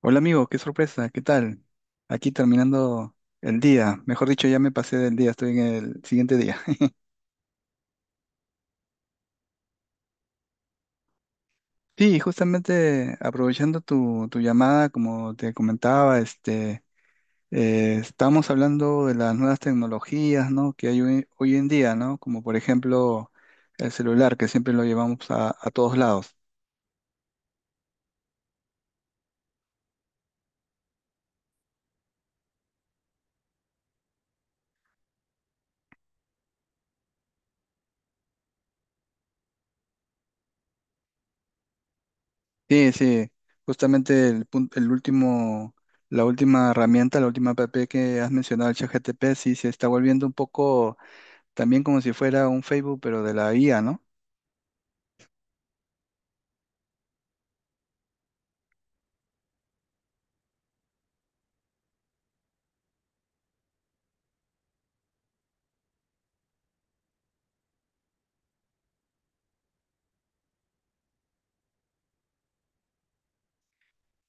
Hola amigo, qué sorpresa, ¿qué tal? Aquí terminando el día, mejor dicho, ya me pasé del día, estoy en el siguiente día. Sí, justamente aprovechando tu llamada, como te comentaba, estamos hablando de las nuevas tecnologías, ¿no? Que hay hoy en día, ¿no? Como por ejemplo el celular, que siempre lo llevamos a todos lados. Sí, sí, justamente el último, la última herramienta, la última app que has mencionado, el ChatGPT, sí se está volviendo un poco también como si fuera un Facebook, pero de la IA, ¿no?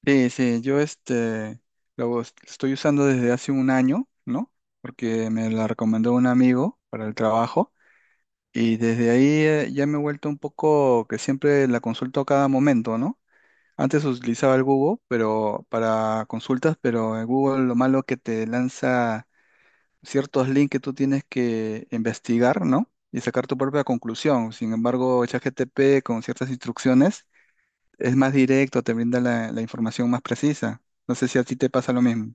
Sí, sí, yo estoy usando desde hace un año, ¿no? Porque me la recomendó un amigo para el trabajo y desde ahí ya me he vuelto un poco que siempre la consulto a cada momento, ¿no? Antes utilizaba el Google, pero para consultas, pero el Google lo malo que te lanza ciertos links que tú tienes que investigar, ¿no? Y sacar tu propia conclusión. Sin embargo, ChatGPT con ciertas instrucciones es más directo, te brinda la información más precisa. No sé si a ti te pasa lo mismo.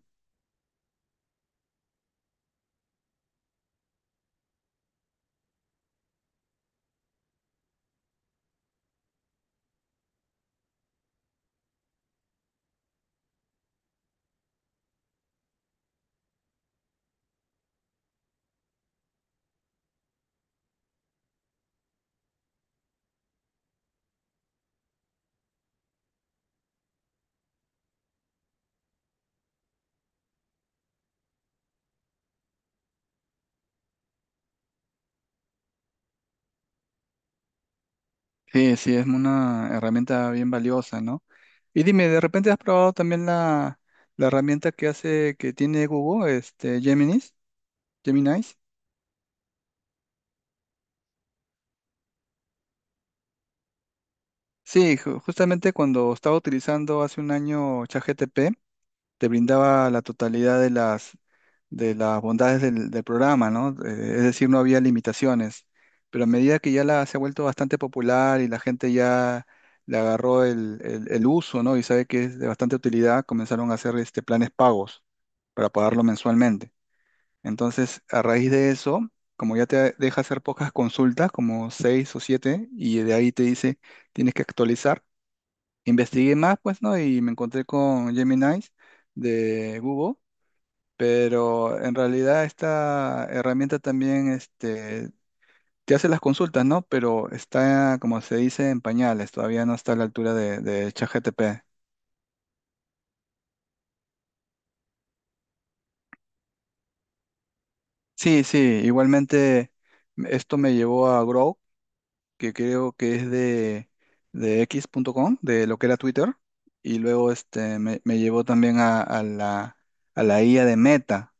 Sí, sí, es una herramienta bien valiosa, ¿no? Y dime, ¿de repente has probado también la herramienta que hace, que tiene Google, Geminis, Geminis? Sí, justamente cuando estaba utilizando hace un año ChatGPT, te brindaba la totalidad de de las bondades del programa, ¿no? Es decir, no había limitaciones. Pero a medida que se ha vuelto bastante popular y la gente ya le agarró el uso, ¿no? Y sabe que es de bastante utilidad, comenzaron a hacer planes pagos para pagarlo mensualmente. Entonces, a raíz de eso, como ya te deja hacer pocas consultas, como seis o siete, y de ahí te dice, tienes que actualizar. Investigué más, pues, ¿no? Y me encontré con Gemini de Google, pero en realidad esta herramienta también te hace las consultas, ¿no? Pero está, como se dice, en pañales, todavía no está a la altura de ChatGPT. Sí, sí, igualmente esto me llevó a Grow, que creo que es de equis punto com de lo que era Twitter, y luego me llevó también a a la IA de Meta,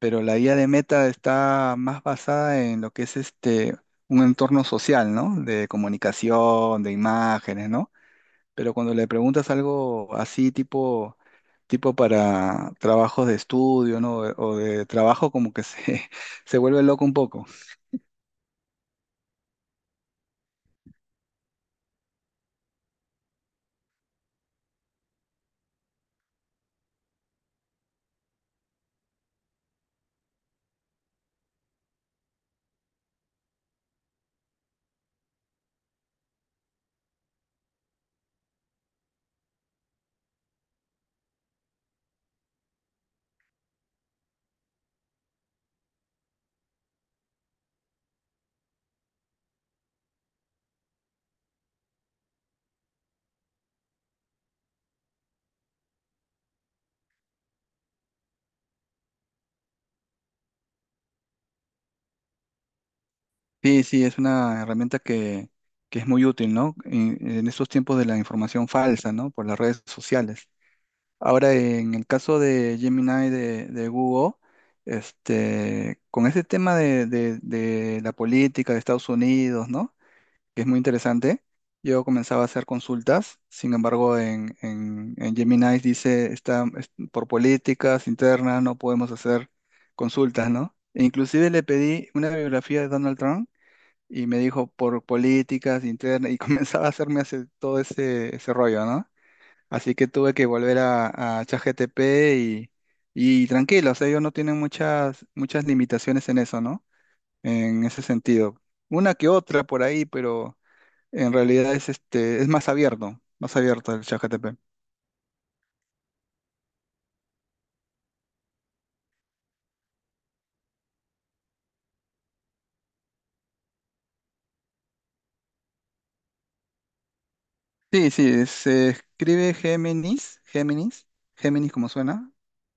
pero la IA de Meta está más basada en lo que es un entorno social, ¿no? De comunicación, de imágenes, ¿no? Pero cuando le preguntas algo así tipo para trabajos de estudio, ¿no? O de trabajo como que se se vuelve loco un poco. Sí, sí, es una herramienta que es muy útil, ¿no? En estos tiempos de la información falsa, ¿no? Por las redes sociales. Ahora, en el caso de Gemini de Google, con ese tema de la política de Estados Unidos, ¿no? Que es muy interesante. Yo comenzaba a hacer consultas, sin embargo, en Gemini dice, por políticas internas no podemos hacer consultas, ¿no? E inclusive le pedí una biografía de Donald Trump y me dijo, por políticas internas, y comenzaba a hacerme todo ese rollo, ¿no? Así que tuve que volver a ChatGPT y, y tranquilo, o sea, ellos no tienen muchas limitaciones en eso, ¿no? En ese sentido. Una que otra por ahí, pero en realidad es es más abierto el ChatGPT. Sí, sí, se escribe Géminis, Géminis, Géminis como suena.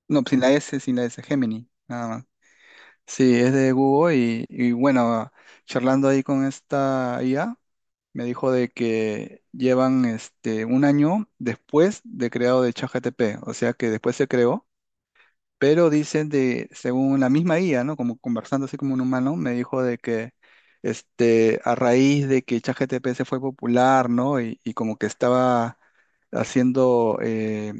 No, sin la S, sin la S, Géminis, nada más. Sí, es de Google y bueno, charlando ahí con esta IA. Me dijo de que llevan un año después de creado de ChatGPT, o sea que después se creó, pero dicen de, según la misma IA, ¿no? Como conversando así como un humano, me dijo de que a raíz de que ChatGPT se fue popular, ¿no? Y como que estaba haciendo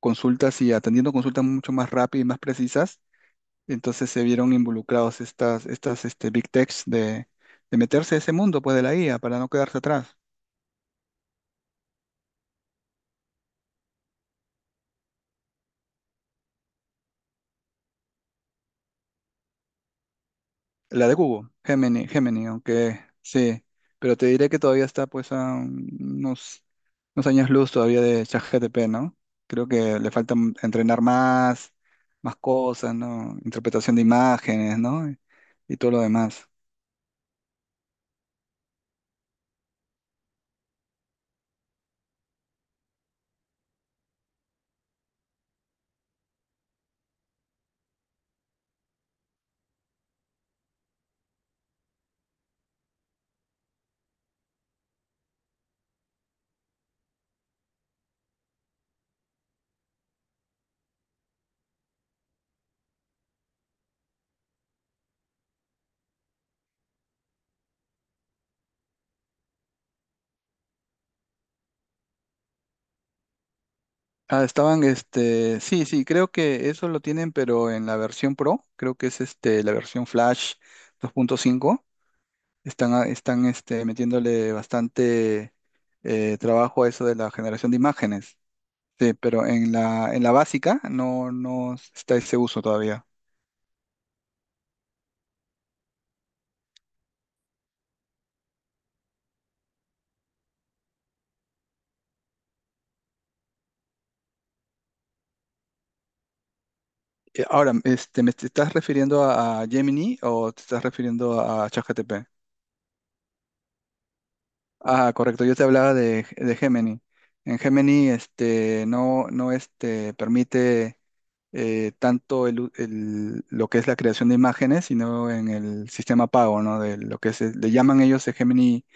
consultas y atendiendo consultas mucho más rápidas y más precisas, entonces se vieron involucrados estas big techs de meterse a ese mundo, pues, de la IA para no quedarse atrás. La de Google, Gemini, Gemini, aunque sí, pero te diré que todavía está pues a unos, unos años luz todavía de ChatGPT, ¿no? Creo que le falta entrenar más, más cosas, ¿no? Interpretación de imágenes, ¿no? Y todo lo demás. Ah, estaban, sí, sí, creo que eso lo tienen, pero en la versión Pro, creo que es la versión Flash 2.5, están metiéndole bastante trabajo a eso de la generación de imágenes. Sí, pero en en la básica no, no está ese uso todavía. Ahora, ¿me te estás refiriendo a Gemini o te estás refiriendo a ChatGPT? Ah, correcto, yo te hablaba de Gemini. En Gemini, no, no, permite tanto lo que es la creación de imágenes, sino en el sistema pago, ¿no? De lo que se, le llaman ellos el Gemini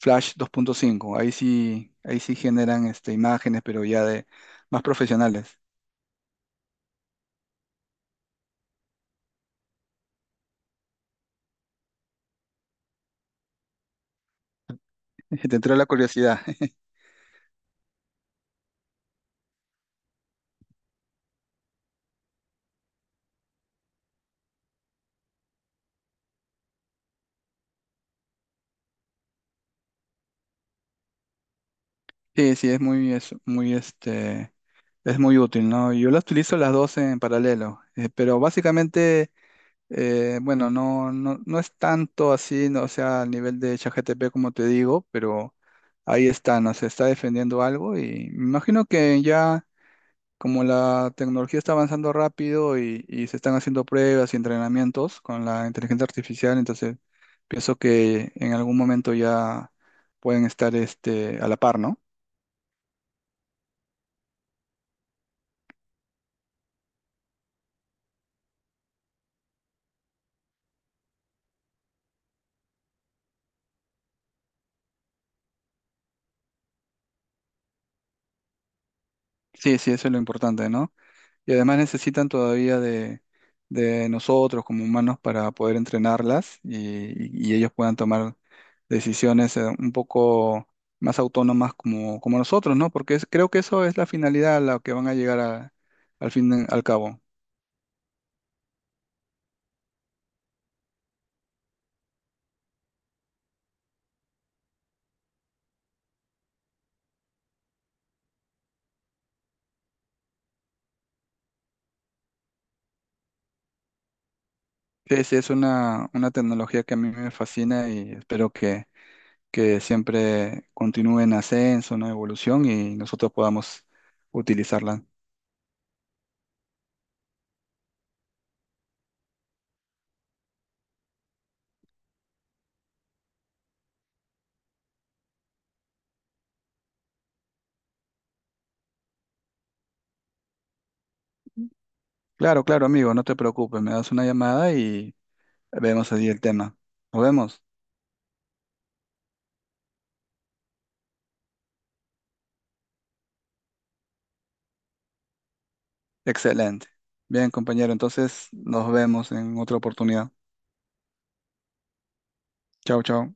Flash 2.5. Ahí sí generan, imágenes, pero ya de más profesionales. Te entró la curiosidad. Sí, sí, es es es muy útil, ¿no? Yo las utilizo las dos en paralelo, pero básicamente, bueno, no es tanto así, no, o sea, al nivel de ChatGPT como te digo, pero ahí está, ¿no? Se está defendiendo algo y me imagino que ya como la tecnología está avanzando rápido y se están haciendo pruebas y entrenamientos con la inteligencia artificial, entonces pienso que en algún momento ya pueden estar, a la par, ¿no? Sí, sí, eso es lo importante, ¿no? Y además necesitan todavía de nosotros como humanos para poder entrenarlas y ellos puedan tomar decisiones un poco más autónomas como nosotros, ¿no? Porque creo que eso es la finalidad a la que van a llegar al fin, al cabo. Sí, sí, es una tecnología que a mí me fascina y espero que siempre continúe en ascenso, en evolución y nosotros podamos utilizarla. Claro, claro, amigo, no te preocupes, me das una llamada y vemos allí el tema. ¿Nos vemos? Excelente. Bien, compañero, entonces nos vemos en otra oportunidad. Chao, chao.